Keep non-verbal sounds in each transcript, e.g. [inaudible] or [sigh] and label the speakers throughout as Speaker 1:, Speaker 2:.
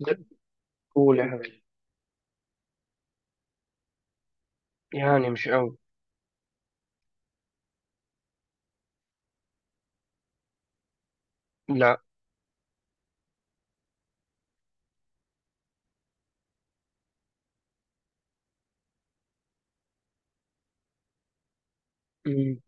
Speaker 1: لا، قول يا حبيبي. يعني مش قوي. لا. مم.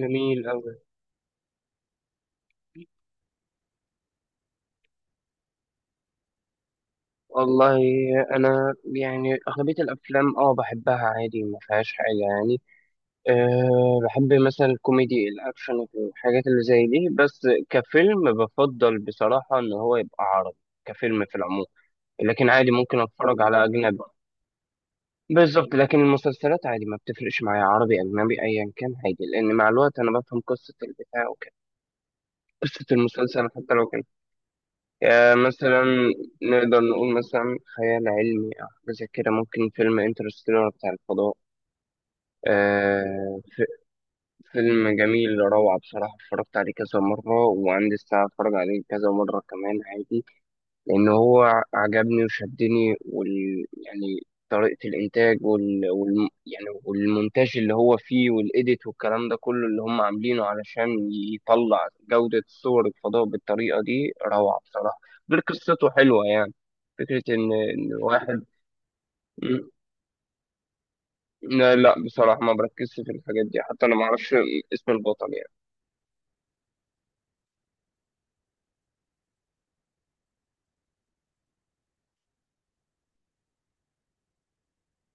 Speaker 1: جميل قوي. والله انا يعني اغلبيه الافلام اه بحبها عادي، ما فيهاش حاجه يعني. أه، بحب مثلا الكوميدي الاكشن، الحاجات اللي زي دي. بس كفيلم بفضل بصراحه ان هو يبقى عربي، كفيلم في العموم، لكن عادي ممكن اتفرج على اجنبي. بالظبط، لكن المسلسلات عادي ما بتفرقش معايا عربي اجنبي ايا كان عادي، لان مع الوقت انا بفهم قصه البتاع وكده، قصه المسلسل حتى لو كان مثلا. نقدر نقول مثلا خيال علمي أو حاجة زي كده، ممكن فيلم انترستيلر بتاع الفضاء. آه، ف- فيلم جميل، روعة بصراحة. اتفرجت عليه كذا مرة وعندي الساعة اتفرج عليه كذا مرة كمان عادي، لأن هو عجبني وشدني، وال يعني طريقة الإنتاج يعني والمونتاج اللي هو فيه والإيديت والكلام ده كله اللي هم عاملينه علشان يطلع جودة صور الفضاء بالطريقة دي، روعة بصراحة. غير قصته حلوة يعني، فكرة إن واحد. مم. لا، بصراحة ما بركزش في الحاجات دي، حتى أنا ما أعرفش اسم البطل يعني.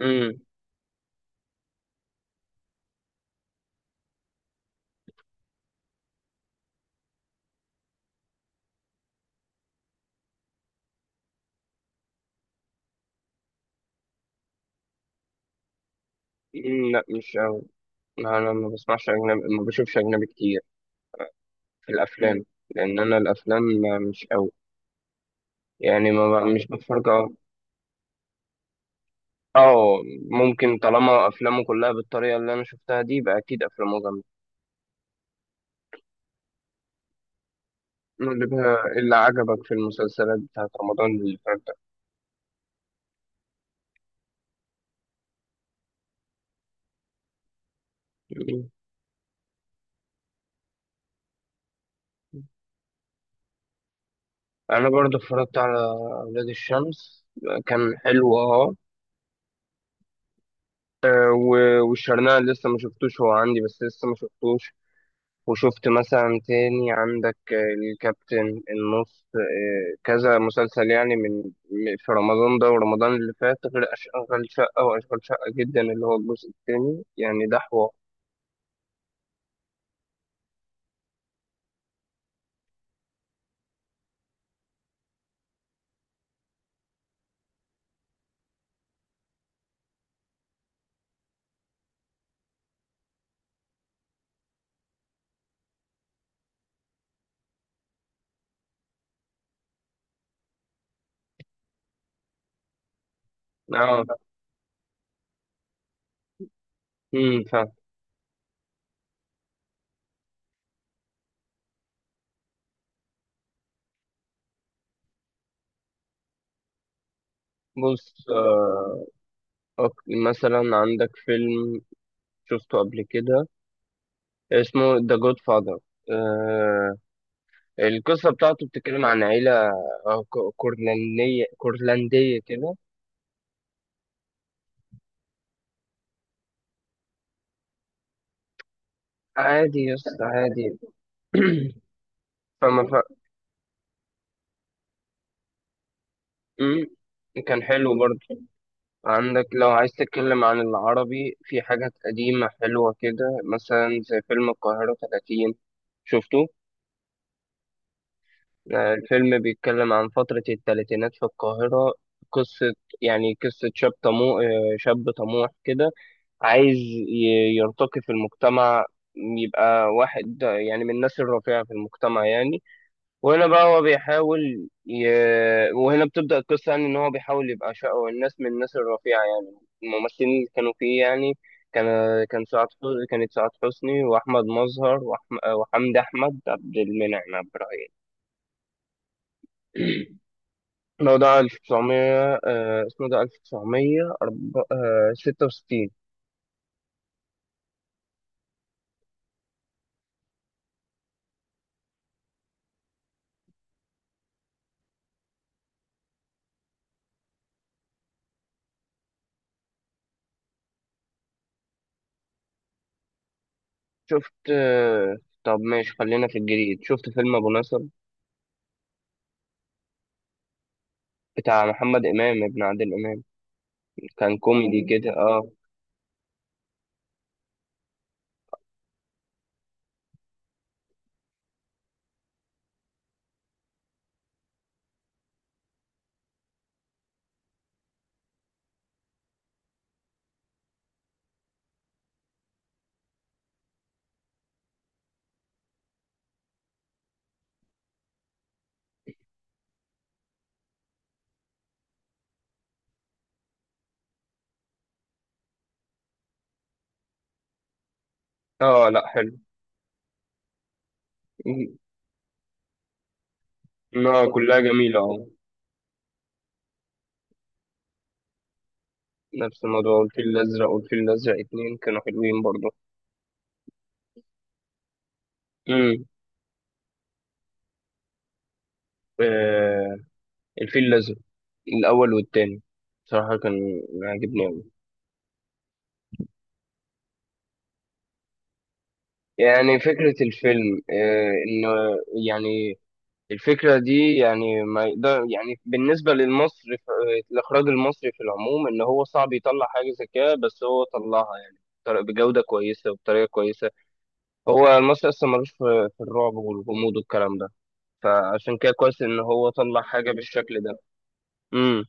Speaker 1: مم. مم، لا مش أوي. لا، أنا ما بسمعش أجنبي، ما بشوفش أجنبي كتير في الافلام، لان انا الافلام مش قوي يعني، ما ب- مش بتفرج أوي. اه، ممكن. طالما افلامه كلها بالطريقه اللي انا شفتها دي، يبقى اكيد افلامه جامده. اللي عجبك في المسلسلات بتاعت رمضان اللي فات ده؟ انا برضه اتفرجت على اولاد الشمس، كان حلو اه. والشرنقة لسه ما شفتوش، هو عندي بس لسه ما شفتوش. وشفت مثلا تاني عندك الكابتن النص، كذا مسلسل يعني من في رمضان ده ورمضان اللي فات، غير أشغال شقة وأشغال شقة جدا اللي هو الجزء التاني يعني، ده حوار. اه. امم، فاهم. بص، أك- مثلا عندك فيلم شفته قبل كده اسمه ذا جود فاذر. آه، القصة بتاعته بتتكلم عن عيلة كورلندية، كورلندية كده. عادي، يس عادي. [clears throat] فما. امم. كان حلو برضه. عندك لو عايز تتكلم عن العربي، في حاجات قديمة حلوة كده مثلا زي فيلم القاهرة 30. شفته؟ آه، الفيلم بيتكلم عن فترة الثلاثينات في القاهرة. قصة، يعني قصة شاب طموح، شاب طموح كده، عايز يرتقي في المجتمع، يبقى واحد يعني من الناس الرفيعة في المجتمع يعني. وهنا بقى هو وهنا بتبدأ القصة يعني، إن هو بيحاول يبقى شقه الناس من الناس الرفيعة يعني. الممثلين اللي كانوا فيه يعني، كان كان سعاد حسني، كانت سعاد حسني وأحمد مظهر وحمدي أحمد، عبد المنعم عبد الرحيم. [clears throat] الموضوع 1900، اسمه ده 1966. شفت آه، طب ماشي، خلينا في الجديد. شفت فيلم أبو نصر بتاع محمد إمام ابن عادل إمام؟ كان كوميدي كده اه. اه، لا حلو. لا، كلها جميلة اه. نفس الموضوع. والفيل الأزرق والفيل الأزرق اتنين كانوا حلوين برضه. امم. آه، الفيل الأزرق الأول والتاني بصراحة كان عاجبني أوي. يعني فكرة الفيلم آه إن يعني، الفكرة دي يعني ما يقدر يعني بالنسبة للمصري، الإخراج المصري في العموم، إن هو صعب يطلع حاجة زي كده، بس هو طلعها يعني بجودة كويسة وبطريقة كويسة. هو المصري أصلا ملوش في الرعب والغموض والكلام ده، فعشان كده كويس ان هو طلع حاجة بالشكل ده. امم.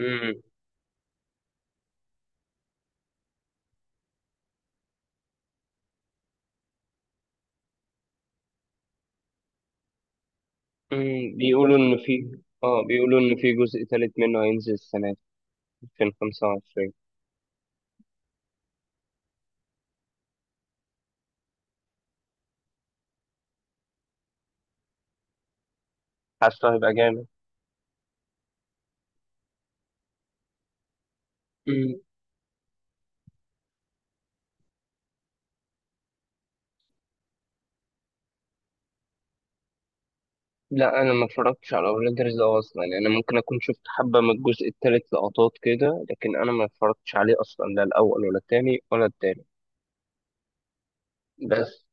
Speaker 1: امم. امم، بيقولوا ان في، اه بيقولوا ان في جزء تالت منه هينزل السنة دي، 2025. حاسه هيبقى جامد. امم. لا، انا ما اتفرجتش على اولاد رزق اصلا يعني. انا ممكن اكون شفت حبة من الجزء التالت لقطات كده، لكن انا ما اتفرجتش عليه اصلا، لا الاول ولا التاني ولا التالت. بس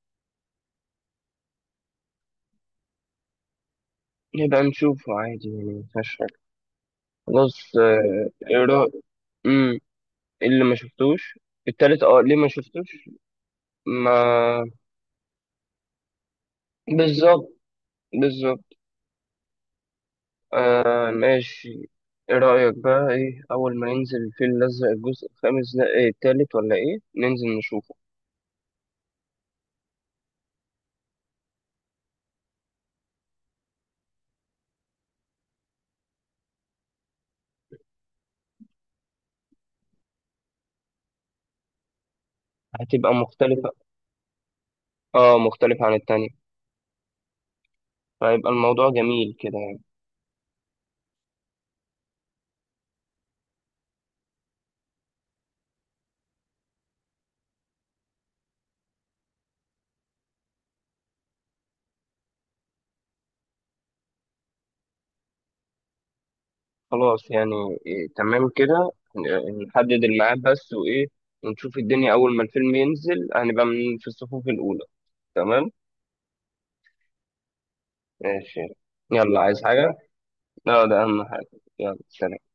Speaker 1: نبقى نشوفه عادي يعني، مفيهاش حاجة. خلاص آه، ايه رأيك؟ امم. اللي ما شفتوش التالت اه، ليه ما شفتوش؟ ما، بالظبط. بالظبط. آه، ماشي. ايه رأيك بقى، ايه اول ما ينزل الفيل الازرق الجزء الخامس ده، ايه التالت ولا ايه، ننزل نشوفه؟ هتبقى مختلفة. اه، مختلفة عن التانية، فهيبقى الموضوع جميل كده يعني. خلاص يعني. إيه تمام كده، نحدد الميعاد بس، وايه ونشوف الدنيا. اول ما الفيلم ينزل هنبقى من في الصفوف الاولى. تمام. ماشي. يلا، عايز حاجة؟ لا، ده اهم حاجة. يلا، سلام.